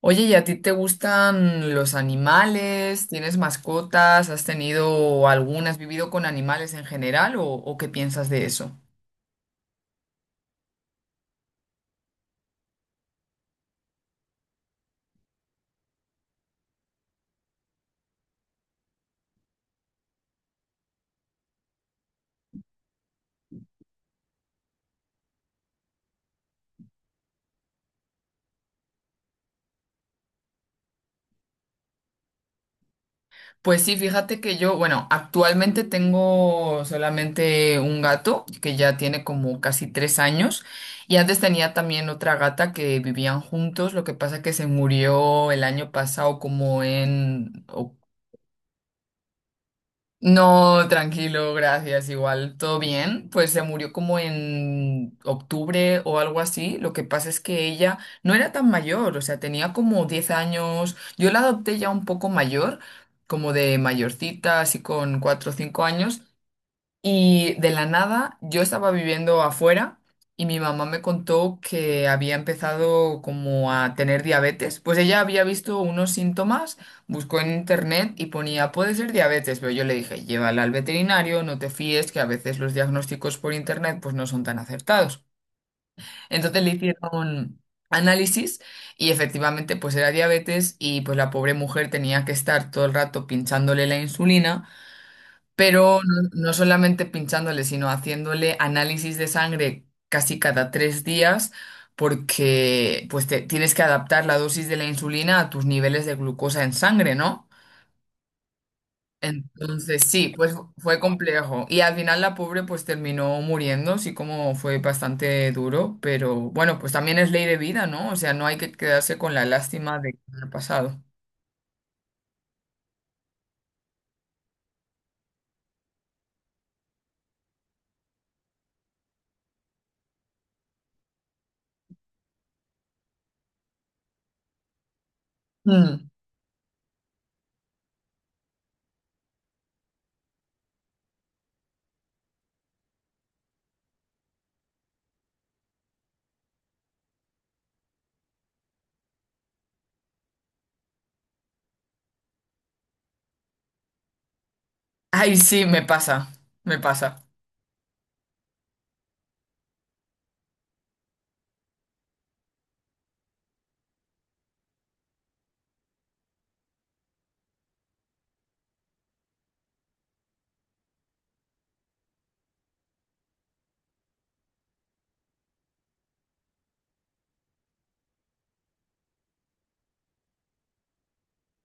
Oye, ¿y a ti te gustan los animales? ¿Tienes mascotas? ¿Has tenido alguna? ¿Has vivido con animales en general? ¿O qué piensas de eso? Pues sí, fíjate que yo, bueno, actualmente tengo solamente un gato que ya tiene como casi 3 años y antes tenía también otra gata que vivían juntos, lo que pasa que se murió el año pasado como en No, tranquilo, gracias. Igual, todo bien. Pues se murió como en octubre o algo así. Lo que pasa es que ella no era tan mayor, o sea, tenía como 10 años. Yo la adopté ya un poco mayor, como de mayorcita, así con 4 o 5 años. Y de la nada, yo estaba viviendo afuera y mi mamá me contó que había empezado como a tener diabetes. Pues ella había visto unos síntomas, buscó en internet y ponía, puede ser diabetes, pero yo le dije, llévala al veterinario, no te fíes, que a veces los diagnósticos por internet pues no son tan acertados. Entonces le hicieron análisis y efectivamente pues era diabetes y pues la pobre mujer tenía que estar todo el rato pinchándole la insulina pero no, no solamente pinchándole, sino haciéndole análisis de sangre casi cada 3 días, porque pues tienes que adaptar la dosis de la insulina a tus niveles de glucosa en sangre, ¿no? Entonces sí, pues fue complejo. Y al final la pobre pues terminó muriendo, sí como fue bastante duro, pero bueno, pues también es ley de vida, ¿no? O sea, no hay que quedarse con la lástima de que ha pasado. Mm. Ay, sí, me pasa,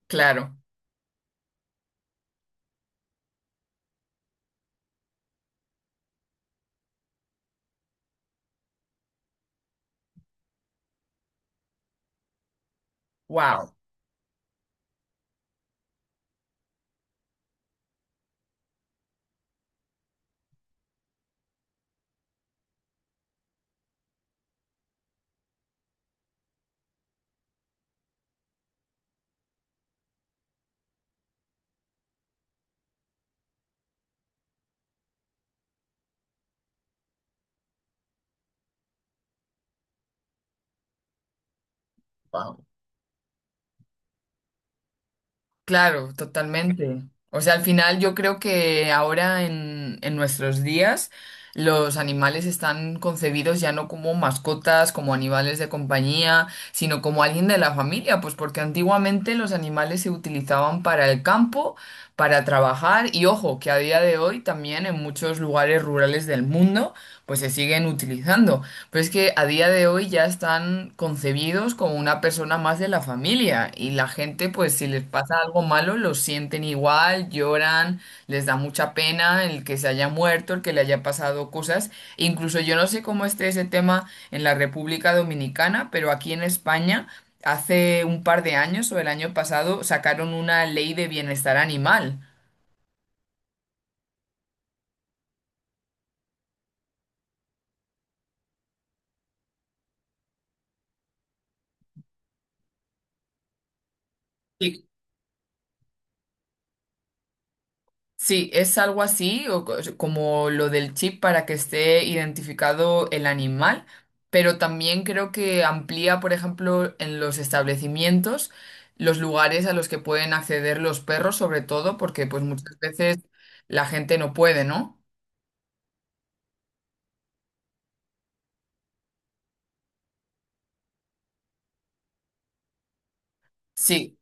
claro. Wow. Claro, totalmente. O sea, al final yo creo que ahora en nuestros días los animales están concebidos ya no como mascotas, como animales de compañía, sino como alguien de la familia, pues porque antiguamente los animales se utilizaban para el campo, para trabajar y ojo, que a día de hoy también en muchos lugares rurales del mundo pues se siguen utilizando. Pero es que a día de hoy ya están concebidos como una persona más de la familia y la gente, pues si les pasa algo malo, lo sienten igual, lloran, les da mucha pena el que se haya muerto, el que le haya pasado cosas. Incluso yo no sé cómo esté ese tema en la República Dominicana, pero aquí en España... Hace un par de años o el año pasado sacaron una ley de bienestar animal. Sí, sí, es algo así, o como lo del chip para que esté identificado el animal, pero también creo que amplía, por ejemplo, en los establecimientos, los lugares a los que pueden acceder los perros, sobre todo, porque pues muchas veces la gente no puede, ¿no? Sí.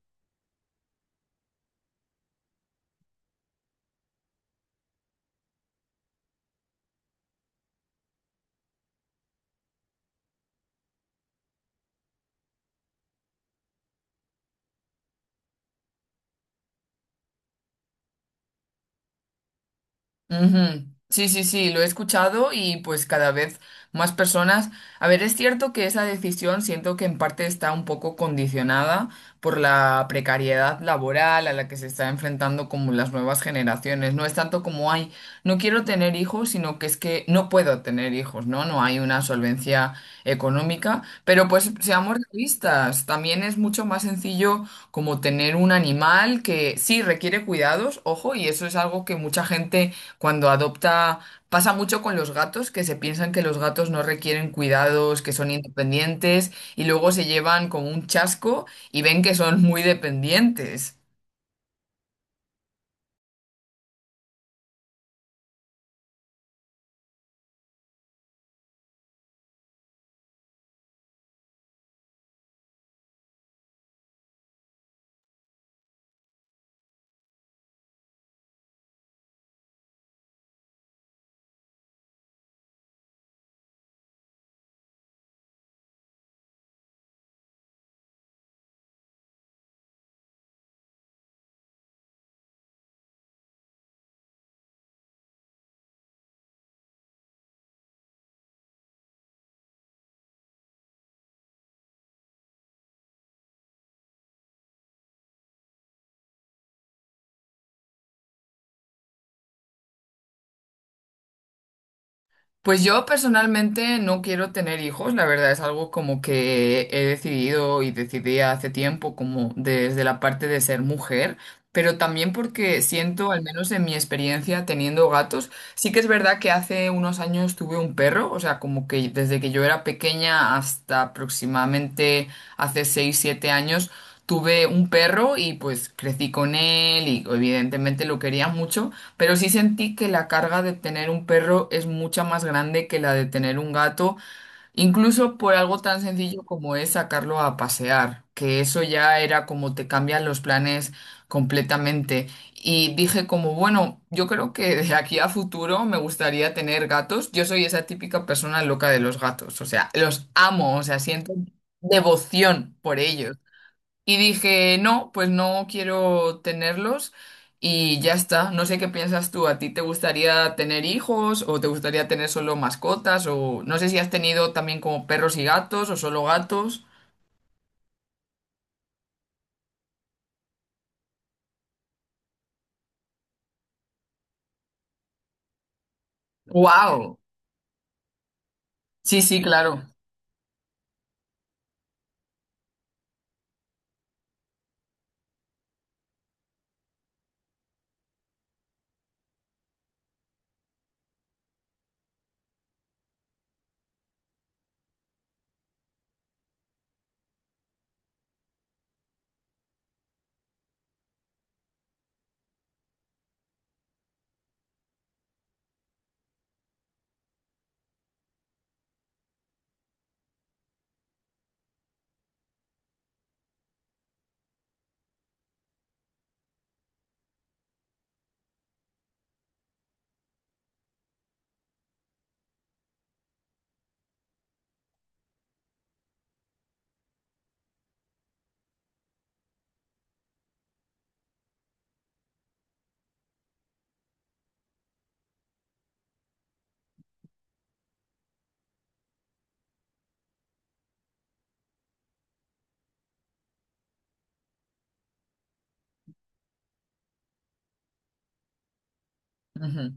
Ujú. Sí, sí, sí, lo he escuchado y pues cada vez más personas. A ver, es cierto que esa decisión siento que en parte está un poco condicionada por la precariedad laboral a la que se está enfrentando como las nuevas generaciones. No es tanto como, ay, no quiero tener hijos, sino que es que no puedo tener hijos, ¿no? No hay una solvencia económica. Pero pues seamos realistas, también es mucho más sencillo como tener un animal que sí requiere cuidados, ojo, y eso es algo que mucha gente cuando adopta, pasa mucho con los gatos, que se piensan que los gatos no requieren cuidados, que son independientes, y luego se llevan como un chasco y ven que son muy dependientes. Pues yo personalmente no quiero tener hijos, la verdad es algo como que he decidido y decidí hace tiempo, como desde la parte de ser mujer. Pero también porque siento, al menos en mi experiencia teniendo gatos, sí que es verdad que hace unos años tuve un perro, o sea, como que desde que yo era pequeña hasta aproximadamente hace 6 7 años, tuve un perro y pues crecí con él y evidentemente lo quería mucho, pero sí sentí que la carga de tener un perro es mucha más grande que la de tener un gato. Incluso por algo tan sencillo como es sacarlo a pasear, que eso ya era como te cambian los planes completamente. Y dije como, bueno, yo creo que de aquí a futuro me gustaría tener gatos. Yo soy esa típica persona loca de los gatos, o sea, los amo, o sea, siento devoción por ellos. Y dije, no, pues no quiero tenerlos y ya está. No sé qué piensas tú. ¿A ti te gustaría tener hijos o te gustaría tener solo mascotas? O no sé si has tenido también como perros y gatos o solo gatos. ¡Wow! Sí, sí, claro. Ujú.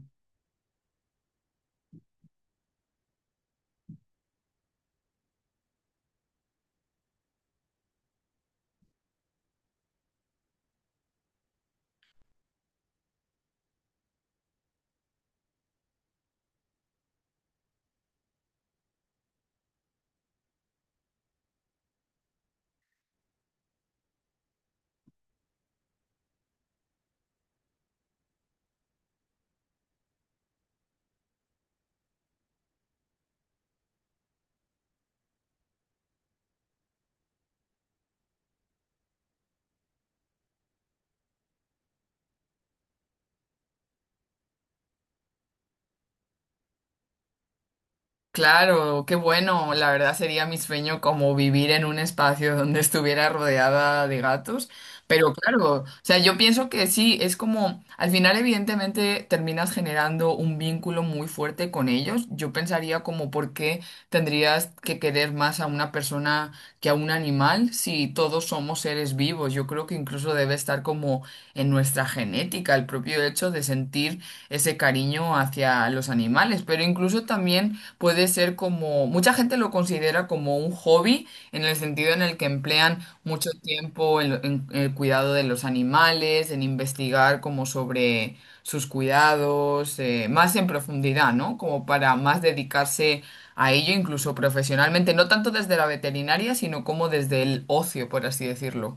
Claro, qué bueno. La verdad sería mi sueño como vivir en un espacio donde estuviera rodeada de gatos. Pero claro, o sea, yo pienso que sí, es como, al final evidentemente terminas generando un vínculo muy fuerte con ellos. Yo pensaría como por qué tendrías que querer más a una persona que a un animal si todos somos seres vivos. Yo creo que incluso debe estar como en nuestra genética, el propio hecho de sentir ese cariño hacia los animales, pero incluso también puede ser como, mucha gente lo considera como un hobby, en el sentido en el que emplean mucho tiempo en, el cuidado de los animales, en investigar como sobre sus cuidados, más en profundidad, ¿no? Como para más dedicarse a ello, incluso profesionalmente, no tanto desde la veterinaria, sino como desde el ocio, por así decirlo.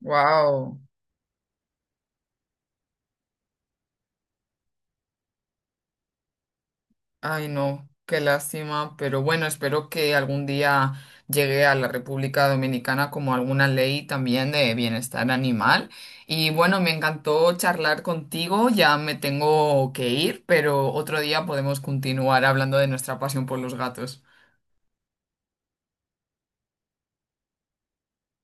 Wow. Ay, no, qué lástima, pero bueno, espero que algún día llegue a la República Dominicana como alguna ley también de bienestar animal. Y bueno, me encantó charlar contigo, ya me tengo que ir, pero otro día podemos continuar hablando de nuestra pasión por los gatos.